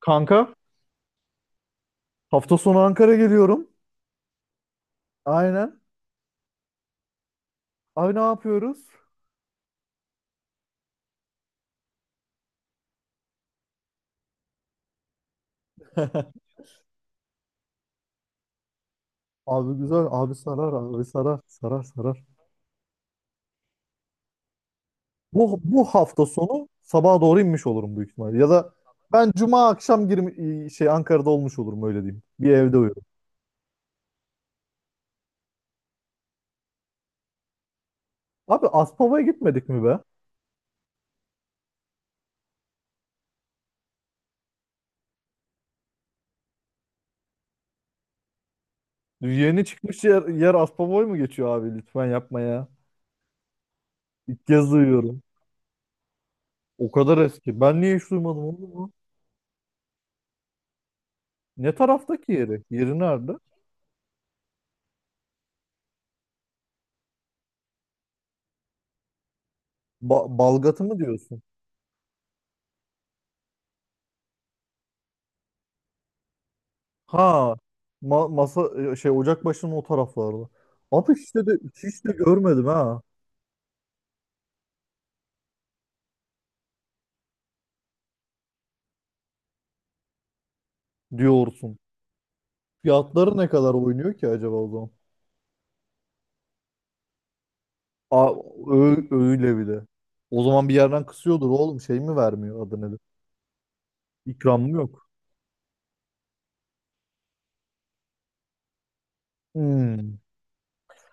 Kanka hafta sonu Ankara geliyorum. Aynen. Abi ne yapıyoruz? Abi güzel. Abi sarar. Abi sarar. Sarar sarar. Bu hafta sonu sabaha doğru inmiş olurum büyük ihtimalle. Ya da ben cuma akşam girmi, şey Ankara'da olmuş olurum öyle diyeyim. Bir evde uyurum. Abi Aspava'ya gitmedik mi be? Yeni çıkmış yer Aspava'ya mı geçiyor abi? Lütfen yapma ya. İlk kez duyuyorum. O kadar eski. Ben niye hiç duymadım oğlum mu? Ne taraftaki yeri? Yeri nerede? Balgat'ı mı diyorsun? Ha, masa, ocak başının o taraflarda. Ama hiç hiç de görmedim ha diyorsun. Fiyatları ne kadar oynuyor ki acaba o zaman? Aa, öyle bir de. O zaman bir yerden kısıyordur oğlum, şey mi vermiyor adı nedir? İkram mı yok? Hmm.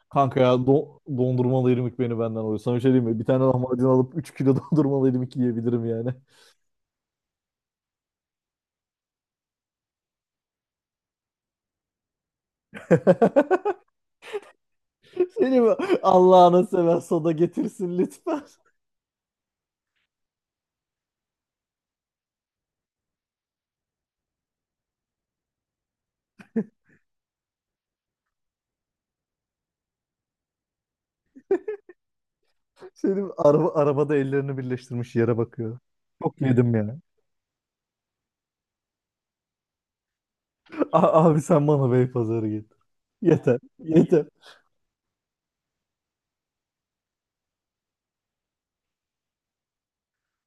Kanka ya dondurmalı irmik beni benden alıyor. Sana bir şey diyeyim mi? Bir tane lahmacun alıp 3 kilo dondurmalı irmik yiyebilirim yani. Seni mi? Allah'ını sever soda getirsin lütfen. Senin arabada ellerini birleştirmiş yere bakıyor. Çok yedim ya. Abi sen bana Beypazarı getir. Yeter. Yeter.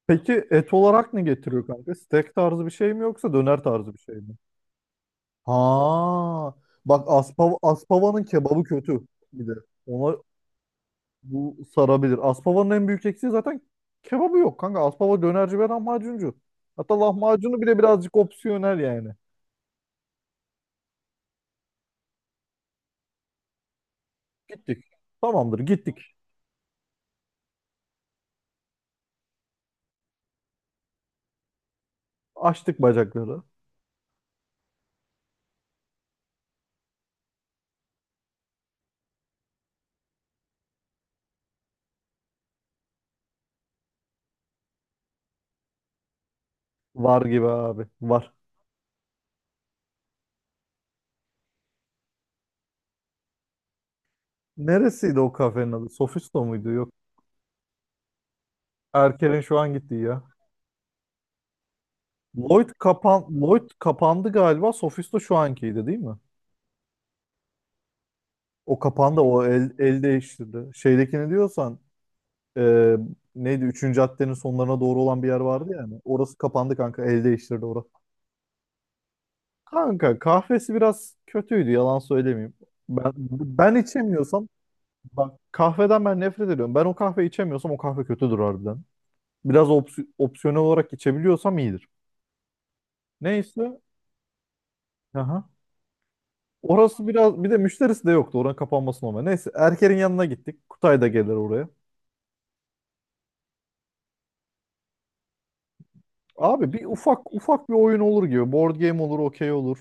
Peki et olarak ne getiriyor kanka? Steak tarzı bir şey mi yoksa döner tarzı bir şey mi? Ha, bak Aspava'nın kebabı kötü bir de. Ona bu sarabilir. Aspava'nın en büyük eksiği zaten kebabı yok kanka. Aspava dönerci ve lahmacuncu. Hatta lahmacunu bile birazcık opsiyonel yani. Gittik. Tamamdır gittik. Açtık bacakları. Var gibi abi. Var. Neresiydi o kafenin adı? Sofisto muydu? Yok. Erker'in şu an gittiği ya. Lloyd kapandı galiba. Sofisto şu ankiydi değil mi? O kapandı. O el değiştirdi. Şeydekini diyorsan, e, neydi? Üçüncü caddenin sonlarına doğru olan bir yer vardı yani. Orası kapandı kanka. El değiştirdi orası. Kanka kahvesi biraz kötüydü. Yalan söylemeyeyim. Ben, ben içemiyorsam bak, kahveden ben nefret ediyorum. Ben o kahve içemiyorsam o kahve kötüdür harbiden. Biraz opsiyonel olarak içebiliyorsam iyidir. Neyse. Aha. Orası biraz bir de müşterisi de yoktu. Oranın kapanması normal. Neyse Erker'in yanına gittik. Kutay da gelir oraya. Abi bir ufak ufak bir oyun olur gibi. Board game olur, okey olur.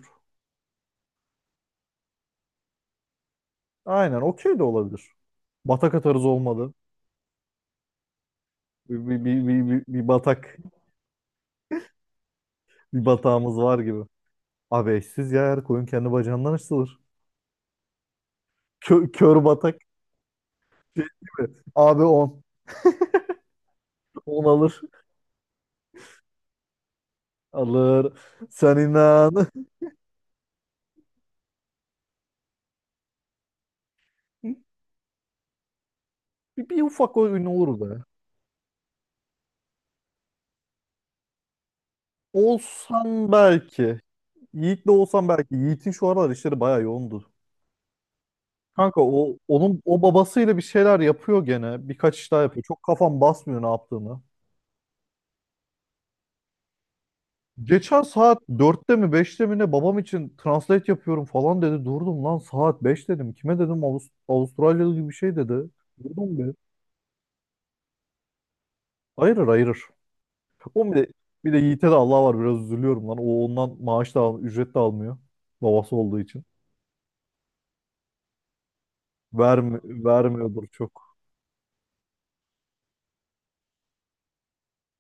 Aynen okey de olabilir. Batak atarız olmadı. Bir batak bir batağımız var gibi. Abi eşsiz ya her koyun kendi bacağından açılır. Kör batak. Şey Değil mi? Abi on alır. Alır. Sen inan. Bir ufak oyun olur be. Olsan belki. Yiğit'le olsan belki. Yiğit'in şu aralar işleri bayağı yoğundu. Kanka o onun o babasıyla bir şeyler yapıyor gene. Birkaç iş daha yapıyor. Çok kafam basmıyor ne yaptığını. Geçen saat 4'te mi 5'te mi ne babam için translate yapıyorum falan dedi. Durdum lan saat 5 dedim. Kime dedim, Avustralyalı gibi bir şey dedi. Durdum bir. Hayırır hayırır. O bir de Yiğit'e de Allah var, biraz üzülüyorum lan. O ondan maaş da al, ücret de almıyor. Babası olduğu için. Vermi vermiyordur çok.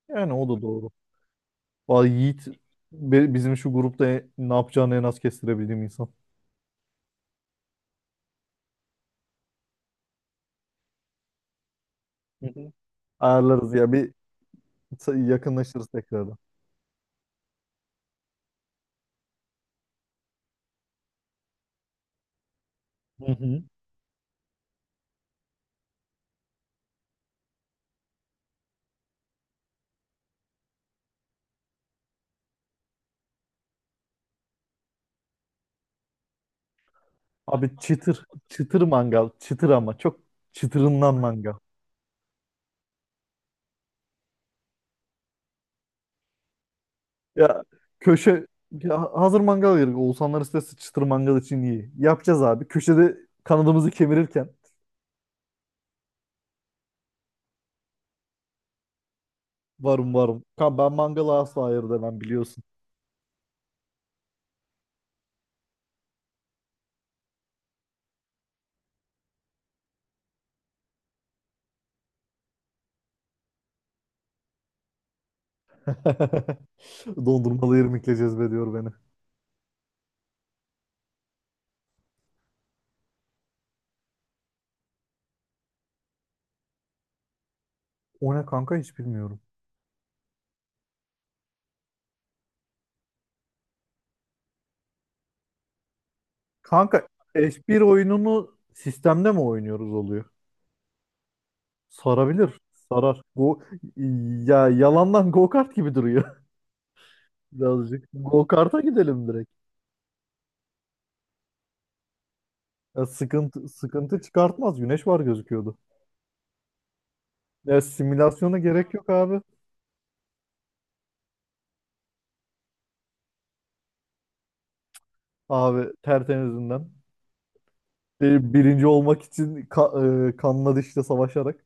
Yani o da doğru. Vallahi Yiğit bizim şu grupta ne yapacağını en az kestirebildiğim insan. Hı hı. Ayarlarız ya bir yakınlaşırız tekrardan. Hı hı. Abi çıtır, çıtır mangal, çıtır ama çok çıtırından mangal. Ya köşe, ya hazır mangal yedik. Oğuzhanlar istese çıtır mangal için iyi. Yapacağız abi. Köşede kanadımızı kemirirken varım varım. Ben mangala asla hayır demem biliyorsun. Dondurmalı irmikleyeceğiz be diyor beni. O ne kanka hiç bilmiyorum. Kanka F1 oyununu sistemde mi oynuyoruz oluyor? Sarabilir. Sarar. Ya yalandan go-kart gibi duruyor birazcık. Go-kart'a gidelim direkt. Ya sıkıntı çıkartmaz. Güneş var gözüküyordu. Ya simülasyona gerek yok abi. Abi tertemizinden. Birinci olmak için kanla dişle savaşarak.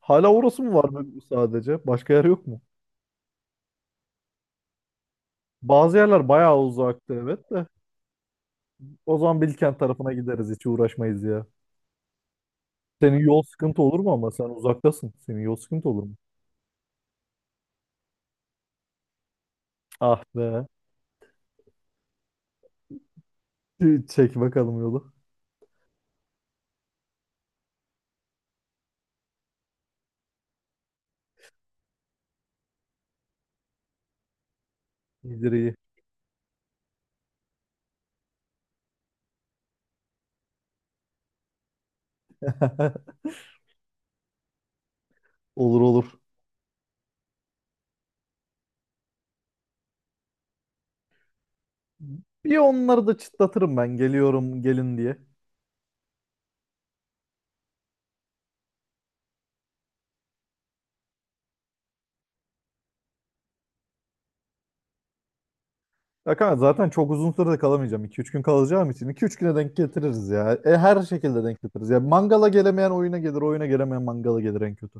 Hala orası mı var böyle sadece? Başka yer yok mu? Bazı yerler bayağı uzakta evet de. O zaman Bilkent tarafına gideriz. Hiç uğraşmayız ya. Senin yol sıkıntı olur mu ama sen uzaktasın. Senin yol sıkıntı olur mu? Ah be. Çek bakalım yolu. İyidir. Olur olur. Bir onları da çıtlatırım ben. Geliyorum gelin diye. Ya kanka zaten çok uzun sürede kalamayacağım. 2 üç gün kalacağım için 2 üç güne denk getiririz ya. Her şekilde denk getiririz. Ya mangala gelemeyen oyuna gelir, oyuna gelemeyen mangala gelir en kötü.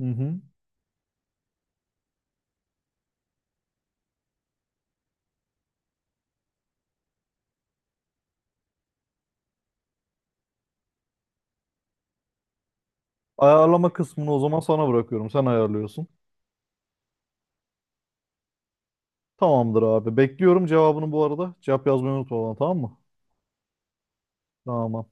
Hı hı. Ayarlama kısmını o zaman sana bırakıyorum. Sen ayarlıyorsun. Tamamdır abi. Bekliyorum cevabını bu arada. Cevap yazmayı unutma bana, tamam mı? Tamam.